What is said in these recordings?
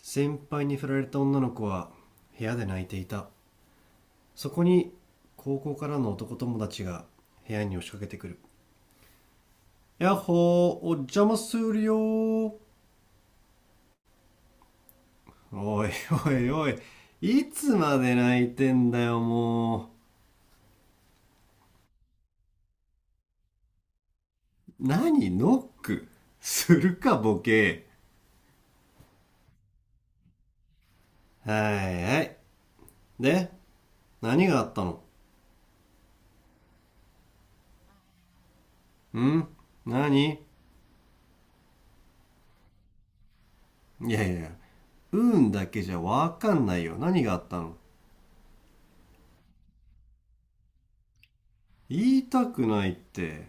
先輩に振られた女の子は部屋で泣いていた。そこに高校からの男友達が部屋に押しかけてくる。やっほー、お邪魔するよー。おいおいおい、いつまで泣いてんだよ。もう何ノックするかボケ。はいはい。で、何があったの？ん？何？いやいや、うん、運だけじゃわかんないよ。何があったの？言いたくないって。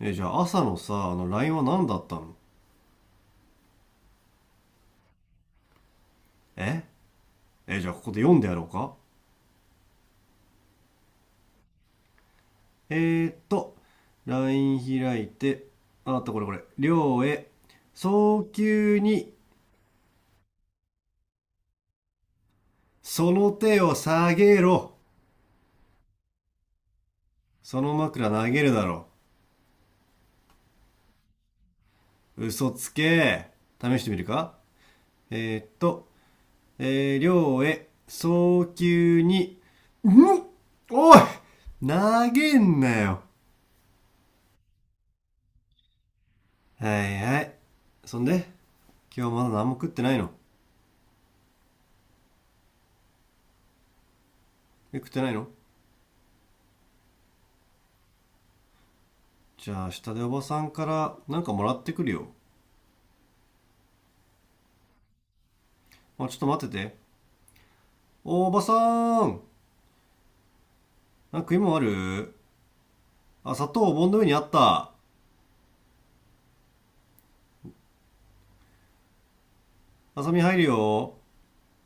え、じゃあ朝のさ、あの LINE は何だったの？ええ、じゃあここで読んでやろうか？えーっと、LINE 開いて、ああった、これこれ、涼へ、早急に、その手を下げろ。その枕投げるだろう。嘘つけ。試してみるか？えーっと、えー、亮へ、早急に、んおい、投げんなよ。はいはい。そんで、今日まだ何も食ってないの？え、食ってないの？じゃあ、下でおばさんからなんかもらってくるよ。あ、ちょっと待ってて。おばさーん、なんか食い物ある？あ、砂糖お盆の上にあった。あさみ入るよ。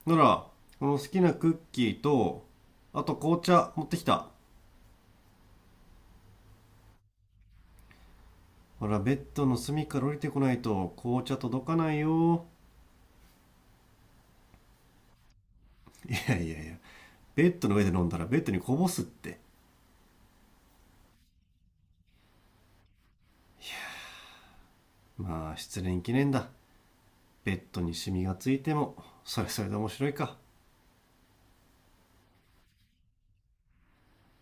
なら、この好きなクッキーと、あと紅茶持ってきた。ほら、ベッドの隅から降りてこないと紅茶届かないよ。いやいやいや、ベッドの上で飲んだらベッドにこぼすって。まあ、失恋記念だ。ベッドにシミがついても、それそれで面白いか。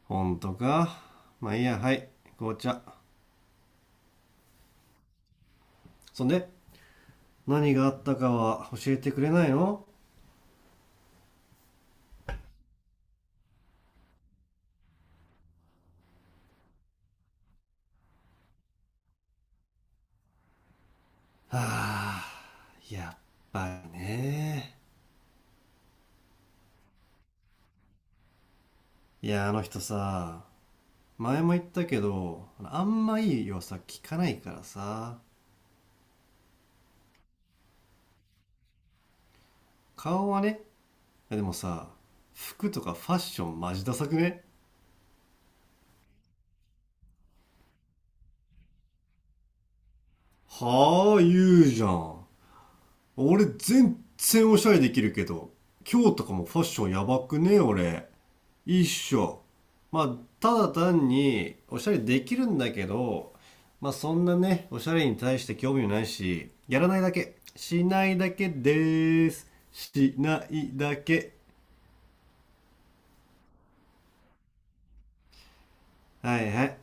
ほんとか？まあいいや。はい、紅茶。そんで、何があったかは教えてくれないの？はあ、やっぱりね。いや、あの人さ、前も言ったけどあんまいい噂聞かないからさ。顔はね。いやでもさ、服とかファッションマジダサくね？はあ、言うじゃん。俺全然おしゃれできるけど、今日とかもファッションやばくね、俺？一緒。まあ、ただ単に、おしゃれできるんだけど、まあ、そんなね、おしゃれに対して興味もないし、やらないだけ。しないだけでーす。しないだけ。はいはい。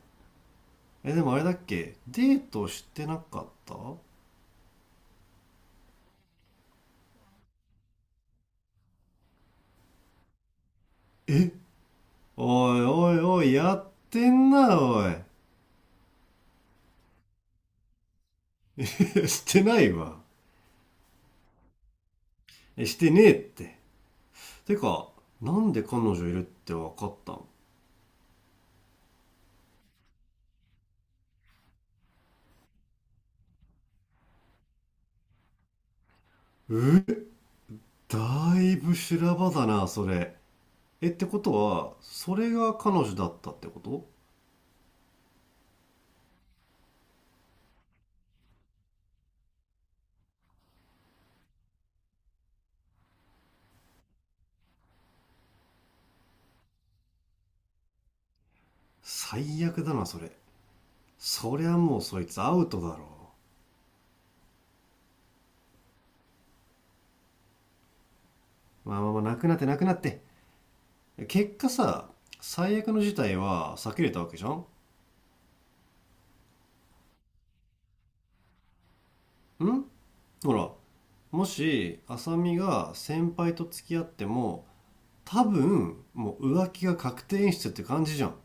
え、でもあれだっけ、デートしてなかった？おい、おいおい、やってんな、おい。してないわ。え、してねえって。てか、なんで彼女いるってわかったの？え、だいぶ修羅場だな、それ。え、ってことは、それが彼女だったってこと？最悪だな、それ。そりゃもうそいつアウトだろう。まあまあまあ、なくなってなくなって。結果さ、最悪の事態は避けれたわけじゃん。んほら、もし、浅見が先輩と付き合っても、多分、もう浮気が確定演出って感じじゃん。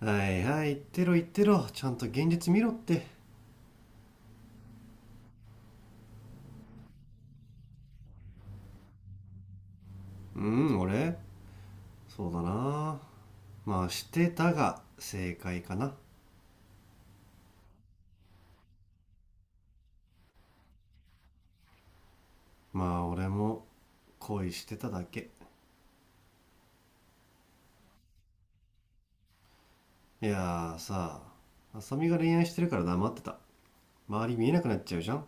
はいはい、言ってろ言ってろ。ちゃんと現実見ろって。うん、俺、そうだな、まあ、してたが正解かな。まあ俺も恋してただけ。いやーさ、浅見が恋愛してるから黙ってた。周り見えなくなっちゃうじゃん。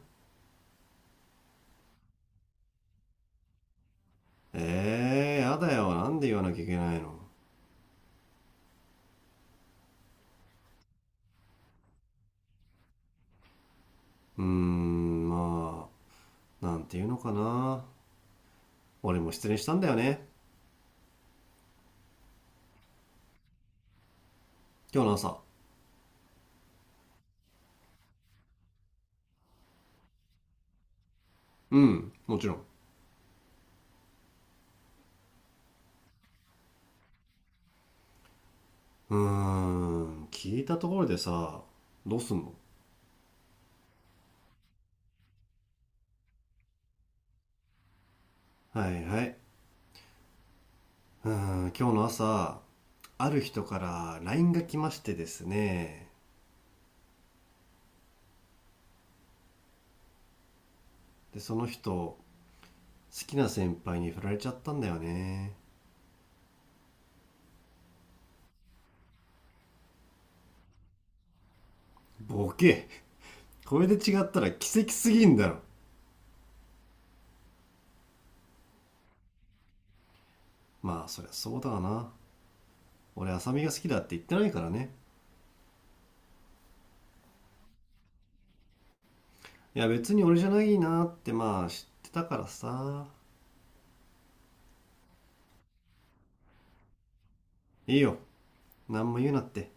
えー、やだよ。なんで言わなきゃいけないの？うーん、まあ、なんていうのかな、俺も失恋したんだよね。今日の朝。うん、もちろん。うーん、聞いたところでさ、どうすんの？はいはい。うーん、今日の朝、ある人から LINE が来ましてですね。で、その人、きな先輩に振られちゃったんだよね。ボケ。これで違ったら奇跡すぎんだろ。まあそりゃそうだわな。俺、浅見が好きだって言ってないからね。いや別に俺じゃないなってまあ知ってたからさ。いいよ、何も言うなって。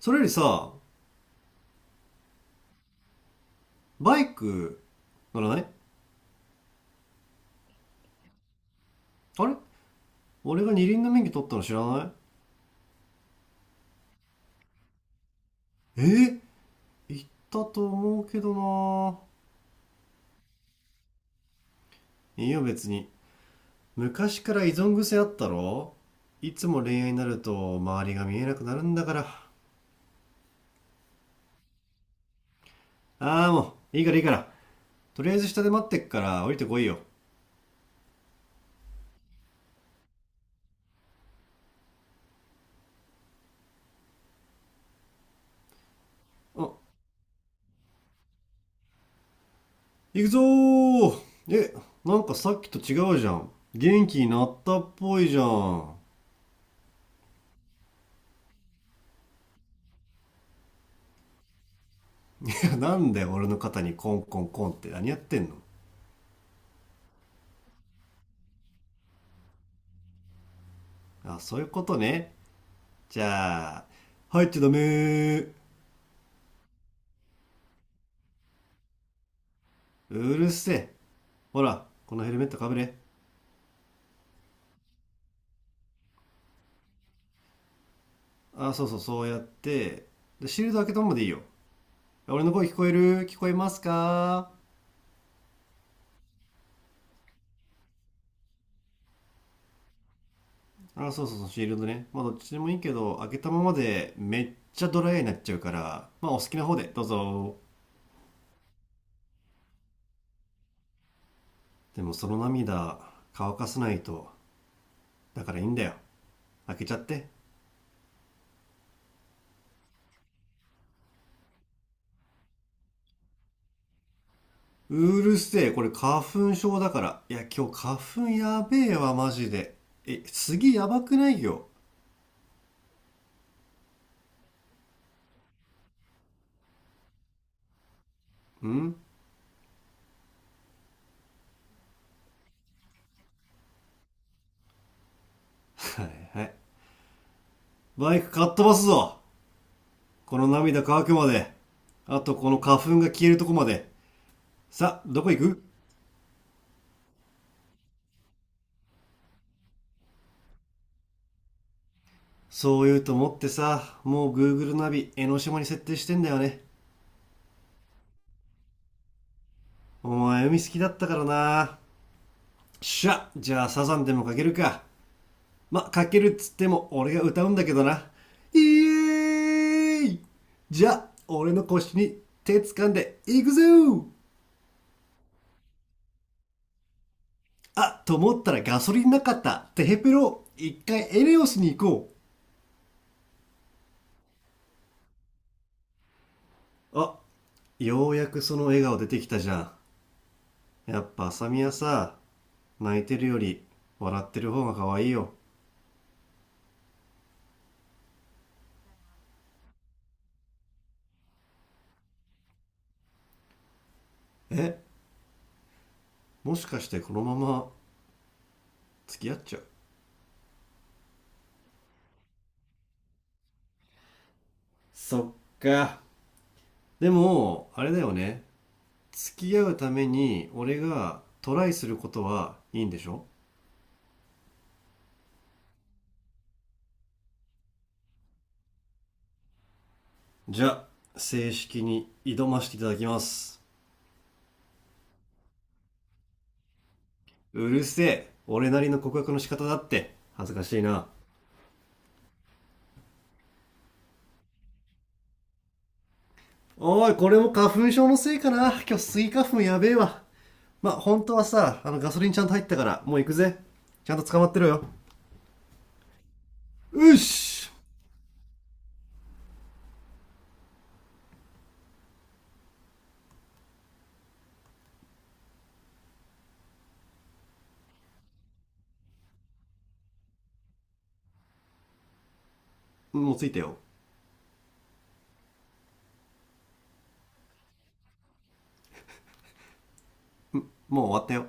それよりさ、バイク乗らない？あれ、俺が二輪の免許取ったの知らない？えー、言ったと思うけどな。いいよ別に。昔から依存癖あったろ。いつも恋愛になると周りが見えなくなるんだから。ああ、もう、いいからいいから。とりあえず下で待ってっから降りてこいよ。あ、行くぞー。え、なんかさっきと違うじゃん。元気になったっぽいじゃん。いや、なんで俺の肩にコンコンコンって何やってんの？あ、そういうことね。じゃあ、入っちゃダメー。うるせえ。ほら、このヘルメットかぶれ。あ、そうそう、そうやって。で、シールド開けたままでいいよ。俺の声聞こえる？聞こえますか？あ、そうそうそう、シールドね。まあ、どっちでもいいけど、開けたままでめっちゃドライになっちゃうから、まあ、お好きな方で、どうぞ。でも、その涙、乾かさないと。だからいいんだよ。開けちゃって。うるせえ、これ花粉症だから。いや、今日花粉やべえわ、マジで。え、次やばくないよ。んはいはい。バイクかっ飛ばすぞ。この涙乾くまで。あと、この花粉が消えるとこまで。さ、どこ行く？そう言うと思ってさ、もう Google ナビ、江ノ島に設定してんだよね。お前海好きだったからな。しゃ、じゃあサザンでもかけるか。ま、かけるっつっても俺が歌うんだけどな。イエーイ。じゃあ、俺の腰に手掴んでいくぜー。あ、と思ったらガソリンなかった。テヘペロ、一回エネオスに行こう。あ、ようやくその笑顔出てきたじゃん。やっぱ浅見はさ、泣いてるより笑ってる方が可愛いよ。え、もしかしてこのまま付き合っちゃう？そっか。でもあれだよね、付き合うために俺がトライすることはいいんでしょ？じゃあ、正式に挑ましていただきます。うるせえ。俺なりの告白の仕方だって恥ずかしいな。おい、これも花粉症のせいかな。今日スギ花粉やべえわ。まあ本当はさ、あのガソリンちゃんと入ったからもう行くぜ。ちゃんと捕まってろよ。よし。もう着いたよ。もう終わったよ。